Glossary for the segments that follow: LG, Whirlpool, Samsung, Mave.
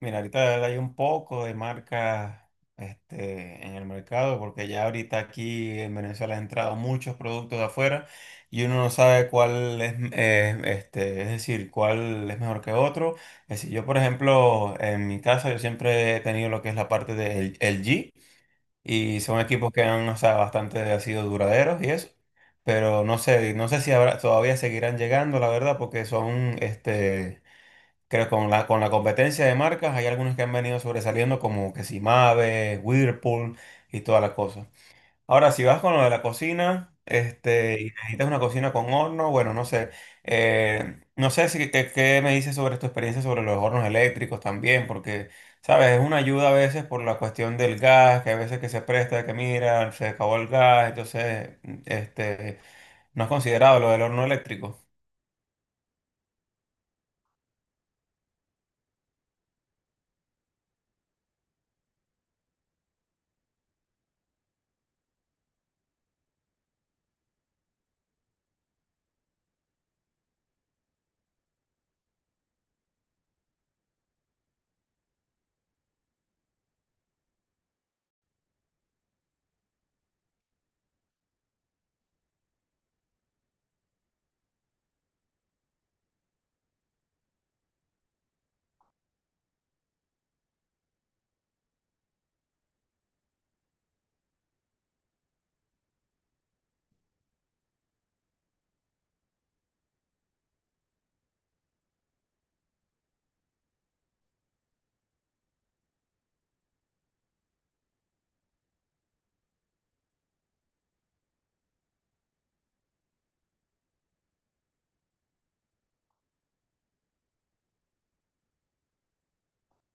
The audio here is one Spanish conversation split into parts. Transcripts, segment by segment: Mira, ahorita hay un poco de marcas en el mercado porque ya ahorita aquí en Venezuela han entrado muchos productos de afuera y uno no sabe cuál es, es decir, cuál es mejor que otro. Es decir, yo, por ejemplo, en mi casa yo siempre he tenido lo que es la parte del LG y son equipos que han, o sea, bastante sido duraderos y eso. Pero no sé, no sé si todavía seguirán llegando, la verdad, porque son Creo que con la competencia de marcas hay algunos que han venido sobresaliendo como que si Mave, Whirlpool y toda la cosa. Ahora, si vas con lo de la cocina, y necesitas una cocina con horno, bueno, no sé. No sé si qué me dices sobre tu experiencia sobre los hornos eléctricos también, porque sabes, es una ayuda a veces por la cuestión del gas, que a veces que se presta, que mira, se acabó el gas, entonces, este, no has considerado lo del horno eléctrico.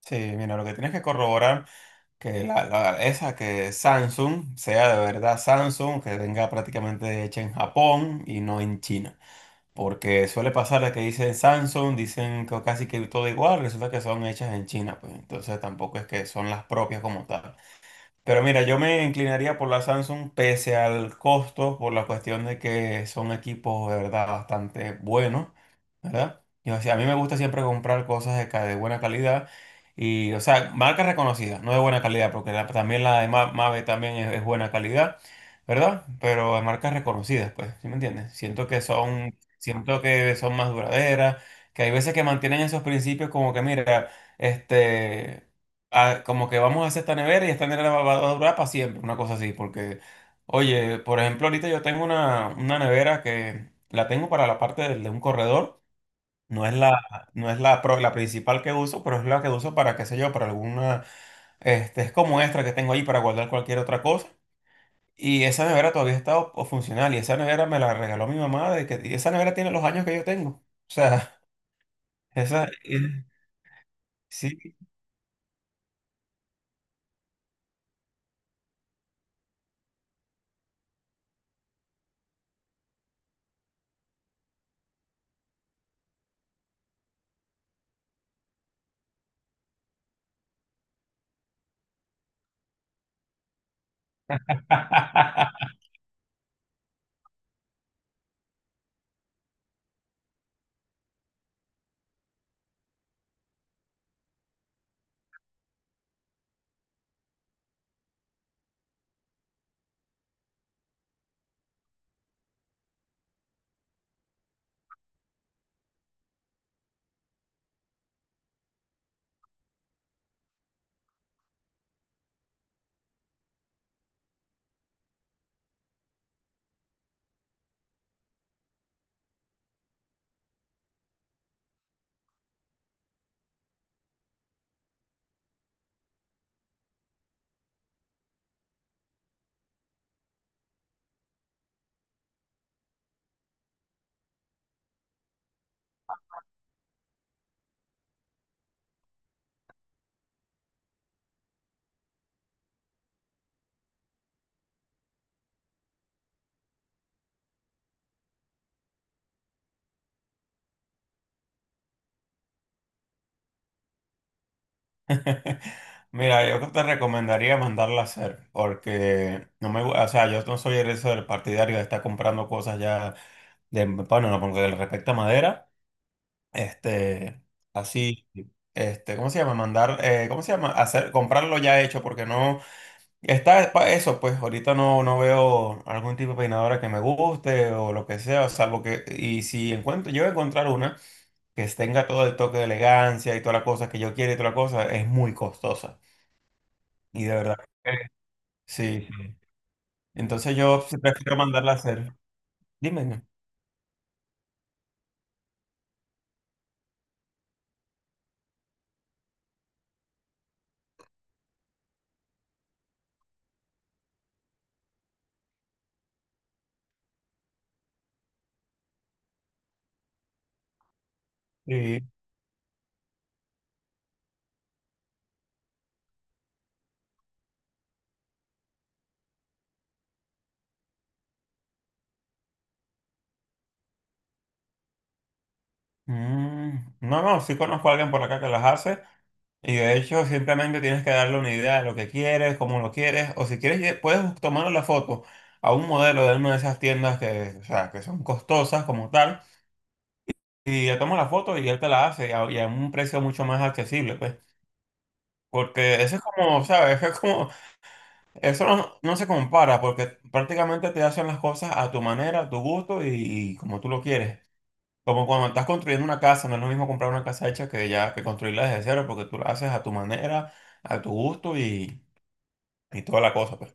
Sí, mira, lo que tienes que corroborar. Que esa que Samsung sea de verdad Samsung, que venga prácticamente hecha en Japón y no en China. Porque suele pasar de que dicen Samsung, dicen que casi que todo igual, resulta que son hechas en China, pues entonces tampoco es que son las propias como tal. Pero mira, yo me inclinaría por la Samsung pese al costo, por la cuestión de que son equipos de verdad bastante buenos, ¿verdad? Y, o sea, a mí me gusta siempre comprar cosas de, de buena calidad y, o sea, marcas reconocidas, no de buena calidad, porque también la de Mave también es buena calidad, ¿verdad? Pero de marcas reconocidas, pues, ¿sí me entiendes? Siento que son más duraderas, que hay veces que mantienen esos principios como que, mira, este como que vamos a hacer esta nevera y esta nevera va, va a durar para siempre, una cosa así, porque oye, por ejemplo, ahorita yo tengo una nevera que la tengo para la parte de un corredor, no es la, no es la, la principal que uso, pero es la que uso para, qué sé yo, para alguna, es como extra que tengo ahí para guardar cualquier otra cosa. Y esa nevera todavía está o funcional y esa nevera me la regaló mi mamá de que, y esa nevera tiene los años que yo tengo. O sea, esa, y- sí. Mira, yo te recomendaría mandarla a hacer, porque no me, o sea, yo no soy el eso del partidario de estar comprando cosas ya de, bueno, no, porque le respecta a madera, este, así, ¿cómo se llama? Mandar, ¿cómo se llama? Hacer, comprarlo ya hecho, porque no, eso, pues, ahorita no, no veo algún tipo de peinadora que me guste o lo que sea, salvo que, y si encuentro, yo encontrar una que tenga todo el toque de elegancia y toda la cosa que yo quiero y toda la cosa, es muy costosa, y de verdad. Sí, sí. Entonces yo sí prefiero mandarla a hacer. Dime. Sí. Mm, no, no, sí conozco a alguien por acá que las hace y de hecho simplemente tienes que darle una idea de lo que quieres, cómo lo quieres o si quieres puedes tomar la foto a un modelo de una de esas tiendas que, o sea, que son costosas como tal y le tomas la foto y él te la hace y a un precio mucho más accesible, pues. Porque eso es como, ¿sabes? Es como, eso no, no se compara porque prácticamente te hacen las cosas a tu manera, a tu gusto y como tú lo quieres. Como cuando estás construyendo una casa, no es lo mismo comprar una casa hecha que ya que construirla desde cero, porque tú la haces a tu manera, a tu gusto y toda la cosa, pues.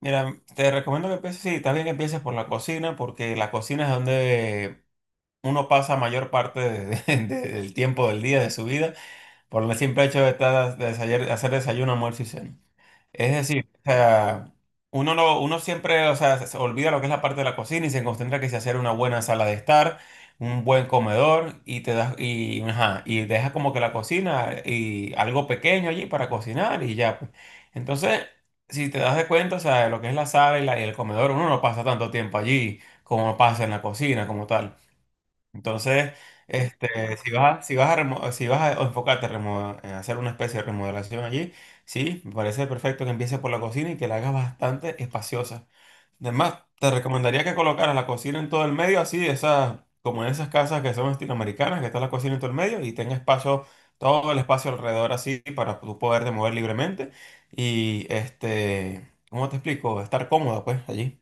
Mira, te recomiendo que empieces, sí, también que empieces por la cocina, porque la cocina es donde uno pasa mayor parte del tiempo del día, de su vida, por el simple hecho de estar, de hacer desayuno, almuerzo y cena. Es decir, o sea, uno no, uno siempre, o sea, se olvida lo que es la parte de la cocina y se concentra que se hacer una buena sala de estar, un buen comedor y te das y ajá, y dejas como que la cocina y algo pequeño allí para cocinar y ya, pues. Entonces, si te das de cuenta, o sea, lo que es la sala y el comedor, uno no pasa tanto tiempo allí como pasa en la cocina como tal. Entonces, si vas a, si vas a enfocarte a en hacer una especie de remodelación allí, sí, me parece perfecto que empieces por la cocina y que la hagas bastante espaciosa. Además, te recomendaría que colocaras la cocina en todo el medio, así, de esas, como en esas casas que son estilo americanas, que está la cocina en todo el medio y tenga espacio, todo el espacio alrededor así para tú poderte mover libremente y, ¿cómo te explico? Estar cómoda, pues, allí.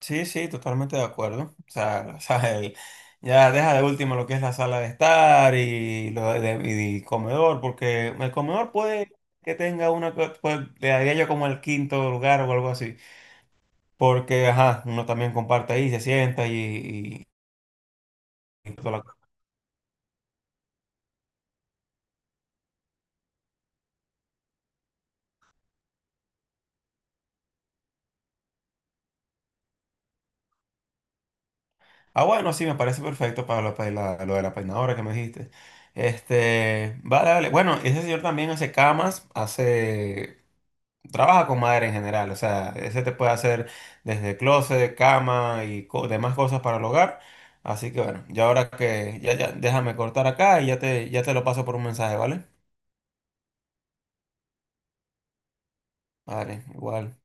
Sí, sí, totalmente de acuerdo. O sea, o sea, el- ya deja de último lo que es la sala de estar y lo de, y el comedor, porque el comedor puede que tenga una, pues le daría yo como el quinto lugar o algo así, porque ajá, uno también comparte ahí, se sienta y, y toda la cosa. Ah, bueno, sí, me parece perfecto para lo, para lo de la peinadora que me dijiste. Vale, vale. Bueno, ese señor también hace camas, hace. Trabaja con madera en general, o sea, ese te puede hacer desde closet, cama y demás cosas para el hogar. Así que bueno, ya ahora que ya, ya déjame cortar acá y ya te lo paso por un mensaje, ¿vale? Vale, igual.